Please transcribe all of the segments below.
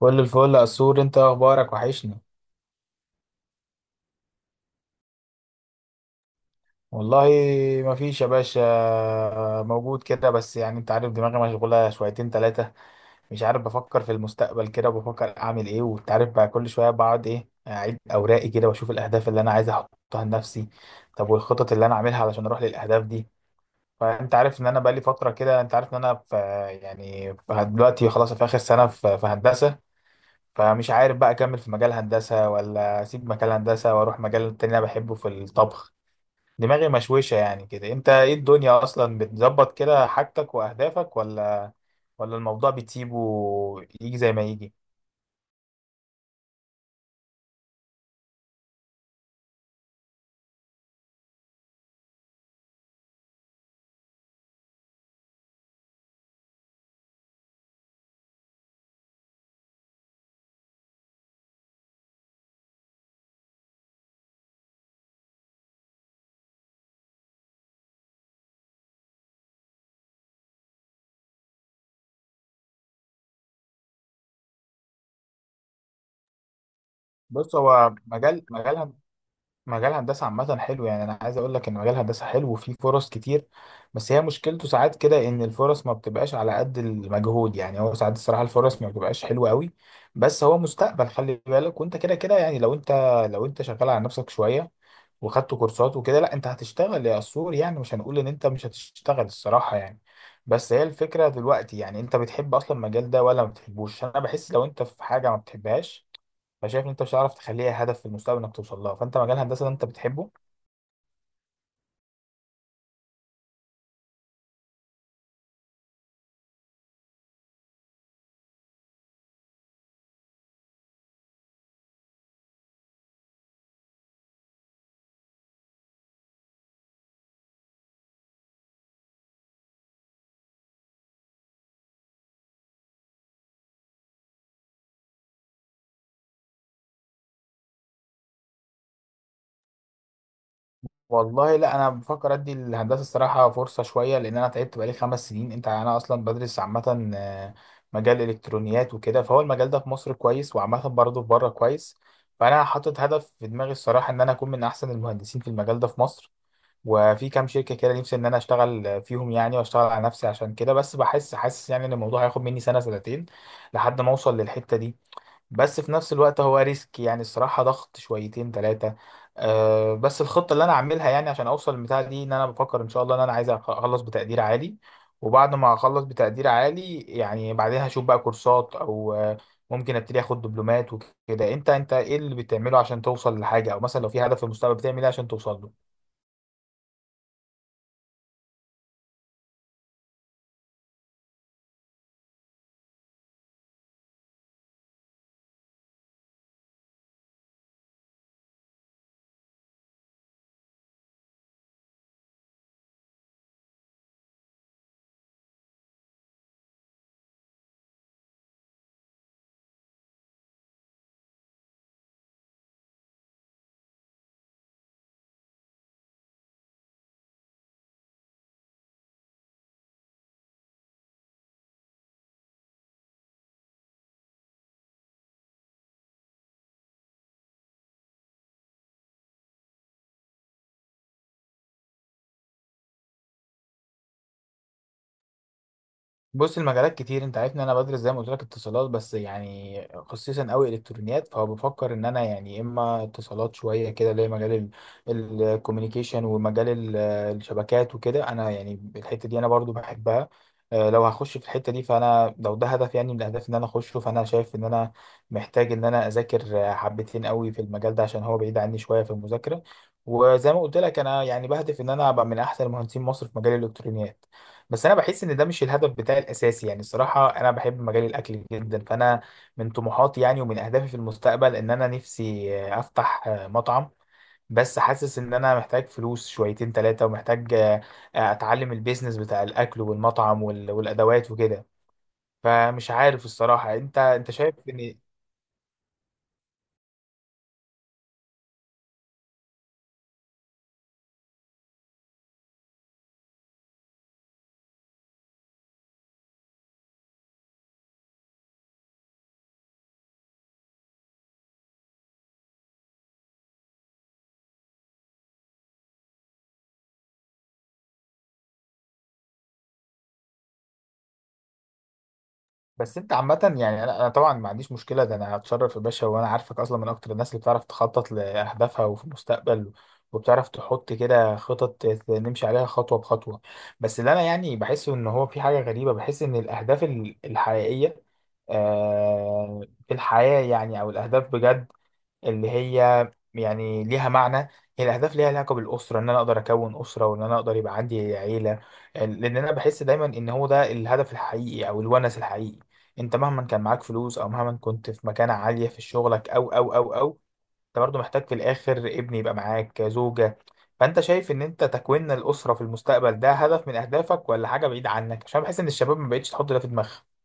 كل الفل يا سور، انت إيه اخبارك؟ وحشني. والله ما فيش يا باشا، موجود كده، بس يعني انت عارف دماغي مشغوله شويتين ثلاثه. مش عارف، بفكر في المستقبل كده، بفكر اعمل ايه، وانت عارف بقى كل شويه بقعد ايه اعيد اوراقي كده واشوف الاهداف اللي انا عايز احطها لنفسي. طب والخطط اللي انا اعملها علشان اروح للاهداف دي. فانت عارف ان انا بقالي فتره كده، انت عارف ان انا في، يعني في دلوقتي خلاص في اخر سنه في هندسه. فمش عارف بقى اكمل في مجال هندسه ولا اسيب مجال هندسه واروح مجال تاني انا بحبه في الطبخ. دماغي مشوشه يعني كده، انت ايه الدنيا اصلا بتظبط كده حاجتك واهدافك، ولا الموضوع بتسيبه يجي زي ما يجي؟ بص هو مجال هندسه، مجال هندسة عامة حلو، يعني أنا عايز أقول لك إن مجال هندسة حلو وفيه فرص كتير. بس هي مشكلته ساعات كده إن الفرص ما بتبقاش على قد المجهود، يعني هو ساعات الصراحة الفرص ما بتبقاش حلوة قوي. بس هو مستقبل، خلي بالك وأنت كده كده، يعني لو أنت شغال على نفسك شوية وخدت كورسات وكده، لا أنت هتشتغل يا أسطور، يعني مش هنقول إن أنت مش هتشتغل الصراحة يعني. بس هي الفكرة دلوقتي، يعني أنت بتحب أصلا المجال ده ولا ما بتحبوش؟ أنا بحس لو أنت في حاجة ما بتحبهاش، فشايف ان انت مش هتعرف تخليها هدف في المستقبل انك توصل لها، فانت مجال الهندسه ده انت بتحبه؟ والله لا، انا بفكر ادي الهندسه الصراحه فرصه شويه، لان انا تعبت بقالي 5 سنين. انت يعني انا اصلا بدرس عامه مجال الالكترونيات وكده، فهو المجال ده في مصر كويس، وعامه برضه في بره كويس. فانا حاطط هدف في دماغي الصراحه، ان انا اكون من احسن المهندسين في المجال ده في مصر، وفي كام شركه كده نفسي ان انا اشتغل فيهم، يعني واشتغل على نفسي عشان كده. بس بحس حاسس يعني ان الموضوع هياخد مني سنه سنتين لحد ما اوصل للحته دي. بس في نفس الوقت هو ريسك، يعني الصراحة ضغط شويتين ثلاثة. بس الخطة اللي أنا عاملها يعني عشان أوصل للبتاع دي، إن أنا بفكر إن شاء الله إن أنا عايز أخلص بتقدير عالي، وبعد ما أخلص بتقدير عالي يعني بعدها أشوف بقى كورسات أو ممكن أبتدي آخد دبلومات وكده. أنت إيه اللي بتعمله عشان توصل لحاجة، أو مثلا لو في هدف في المستقبل بتعمل إيه عشان توصل له؟ بص المجالات كتير، انت عارف ان انا بدرس زي ما قلت لك اتصالات، بس يعني خصيصا قوي الكترونيات، فهو بفكر ان انا يعني اما اتصالات شويه كده اللي هي مجال الكوميونيكيشن، ومجال الشبكات وكده، انا يعني الحته دي انا برضو بحبها. اه، لو هخش في الحته دي، فانا لو ده هدف يعني من الاهداف ان انا اخشه، فانا شايف ان انا محتاج ان انا اذاكر حبتين قوي في المجال ده، عشان هو بعيد عني شويه في المذاكره. وزي ما قلت لك، انا يعني بهدف ان انا ابقى من احسن مهندسين مصر في مجال الالكترونيات. بس انا بحس ان ده مش الهدف بتاعي الاساسي، يعني الصراحه انا بحب مجال الاكل جدا، فانا من طموحاتي يعني ومن اهدافي في المستقبل ان انا نفسي افتح مطعم. بس حاسس ان انا محتاج فلوس شويتين ثلاثه، ومحتاج اتعلم البيزنس بتاع الاكل والمطعم والادوات وكده. فمش عارف الصراحه، انت شايف ان بس انت عامة يعني انا طبعا ما عنديش مشكلة، ده انا هتشرف يا باشا، وانا عارفك اصلا من اكتر الناس اللي بتعرف تخطط لاهدافها وفي المستقبل، وبتعرف تحط كده خطط نمشي عليها خطوة بخطوة. بس اللي انا يعني بحسه ان هو في حاجة غريبة، بحس ان الاهداف الحقيقية، آه، في الحياة يعني او الاهداف بجد اللي هي يعني ليها معنى، هي الأهداف ليها علاقة بالأسرة، إن أنا أقدر أكون أسرة وإن أنا أقدر يبقى عندي عيلة. لأن أنا بحس دايما إن هو ده الهدف الحقيقي أو الونس الحقيقي. أنت مهما كان معاك فلوس أو مهما كنت في مكانة عالية في شغلك أو أو أو أو أنت برضه محتاج في الآخر ابن يبقى معاك، زوجة. فأنت شايف إن أنت تكوين الأسرة في المستقبل ده هدف من أهدافك، ولا حاجة بعيد عنك؟ عشان بحس إن الشباب ما بقتش تحط ده في دماغها.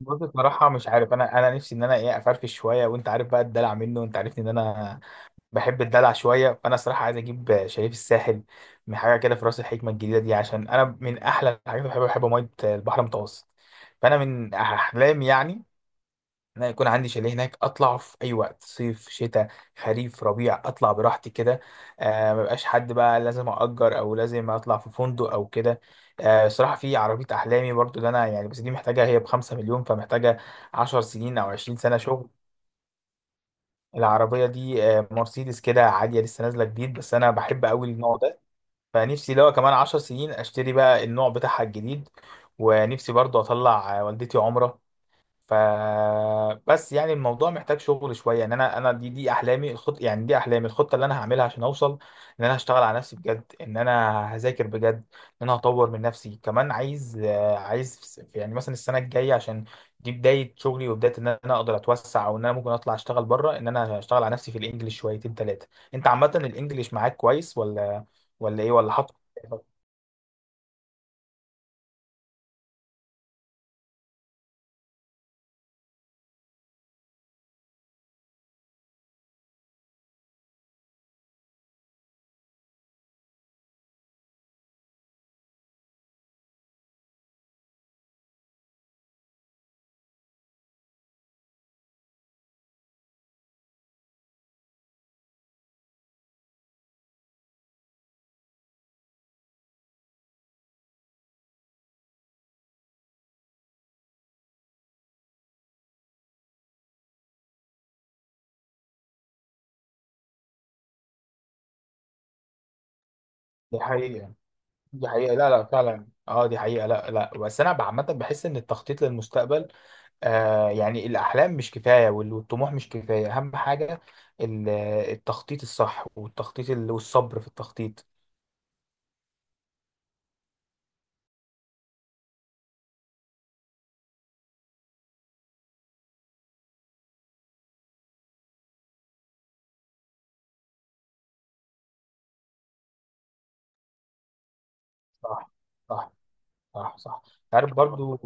بص بصراحة مش عارف، أنا نفسي إن أنا إيه، أفرفش شوية، وأنت عارف بقى الدلع منه، وأنت عارفني إن أنا بحب الدلع شويه، فانا صراحه عايز اجيب شريف الساحل من حاجه كده في راس الحكمه الجديده دي، عشان انا من احلى الحاجات اللي بحبها بحب ميه البحر المتوسط. فانا من احلامي يعني ان أنا يكون عندي شاليه هناك، اطلع في اي وقت، صيف، شتاء، خريف، ربيع، اطلع براحتي كده، مبقاش حد بقى لازم اجر او لازم اطلع في فندق او كده. صراحه في عربيه احلامي برضو اللي انا يعني، بس دي محتاجه، هي ب5 مليون، فمحتاجه 10 سنين او 20 سنه شغل. العربية دي مرسيدس كده عادية لسه نازلة جديد، بس أنا بحب أوي النوع ده. فنفسي لو كمان 10 سنين أشتري بقى النوع بتاعها الجديد، ونفسي برضو أطلع والدتي عمرة. ف بس يعني الموضوع محتاج شغل شويه، ان انا انا دي دي احلامي الخط يعني دي احلامي الخطه اللي انا هعملها عشان اوصل، ان انا هشتغل على نفسي بجد، ان انا هذاكر بجد، ان انا هطور من نفسي، كمان عايز عايز يعني مثلا السنه الجايه، عشان دي بدايه شغلي وبدايه ان انا اقدر اتوسع، او ان انا ممكن اطلع اشتغل بره، ان انا هشتغل على نفسي في الانجليش شويتين ثلاثه. انت عامه الانجليش معاك كويس ولا ايه، ولا حاطط؟ دي حقيقة، دي حقيقة، لا لا فعلا، اه، دي حقيقة، لا لا. بس انا عامة بحس ان التخطيط للمستقبل، يعني الاحلام مش كفاية والطموح مش كفاية، اهم حاجة ال- التخطيط الصح، والتخطيط والصبر في التخطيط. صح، صح. صح، صح. عارف برضو.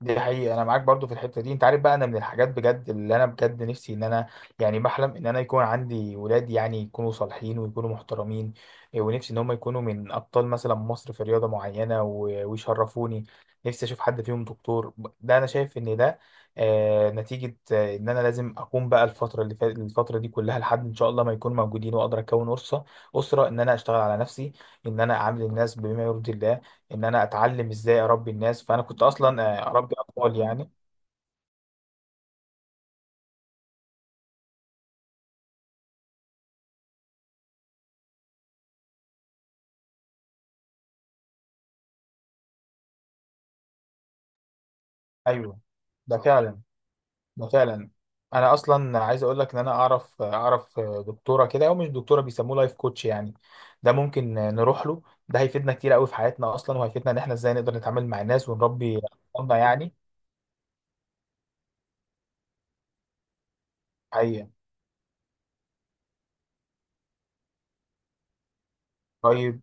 دي حقيقة، أنا معاك برضو في الحتة دي، أنت عارف بقى أنا من الحاجات بجد اللي أنا بجد نفسي إن أنا، يعني بحلم إن أنا يكون عندي ولاد، يعني يكونوا صالحين ويكونوا محترمين. إيه، ونفسي إن هم يكونوا من أبطال مثلا مصر في رياضة معينة ويشرفوني. نفسي أشوف حد فيهم دكتور. ده أنا شايف إن ده نتيجة، إن أنا لازم أكون بقى الفترة اللي فات الفترة دي كلها لحد إن شاء الله ما يكون موجودين وأقدر أكون أسرة، إن أنا أشتغل على نفسي، إن أنا أعامل الناس بما يرضي الله، ان انا اتعلم ازاي اربي الناس، فانا كنت اصلا اربي اطفال يعني. ايوه، ده فعلا، ده فعلا. انا اصلا عايز اقول لك ان انا اعرف دكتوره كده، او مش دكتوره بيسموه لايف كوتش يعني، ده ممكن نروح له. ده هيفيدنا كتير قوي في حياتنا اصلا، وهيفيدنا ان احنا ازاي نقدر نتعامل مع الناس ونربي اطفالنا يعني. حقيقة. طيب.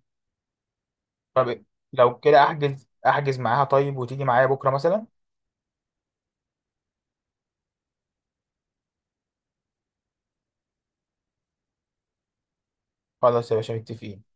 طب لو كده احجز معاها، طيب وتيجي معايا بكره مثلا. خلاص يا باشا، متفقين.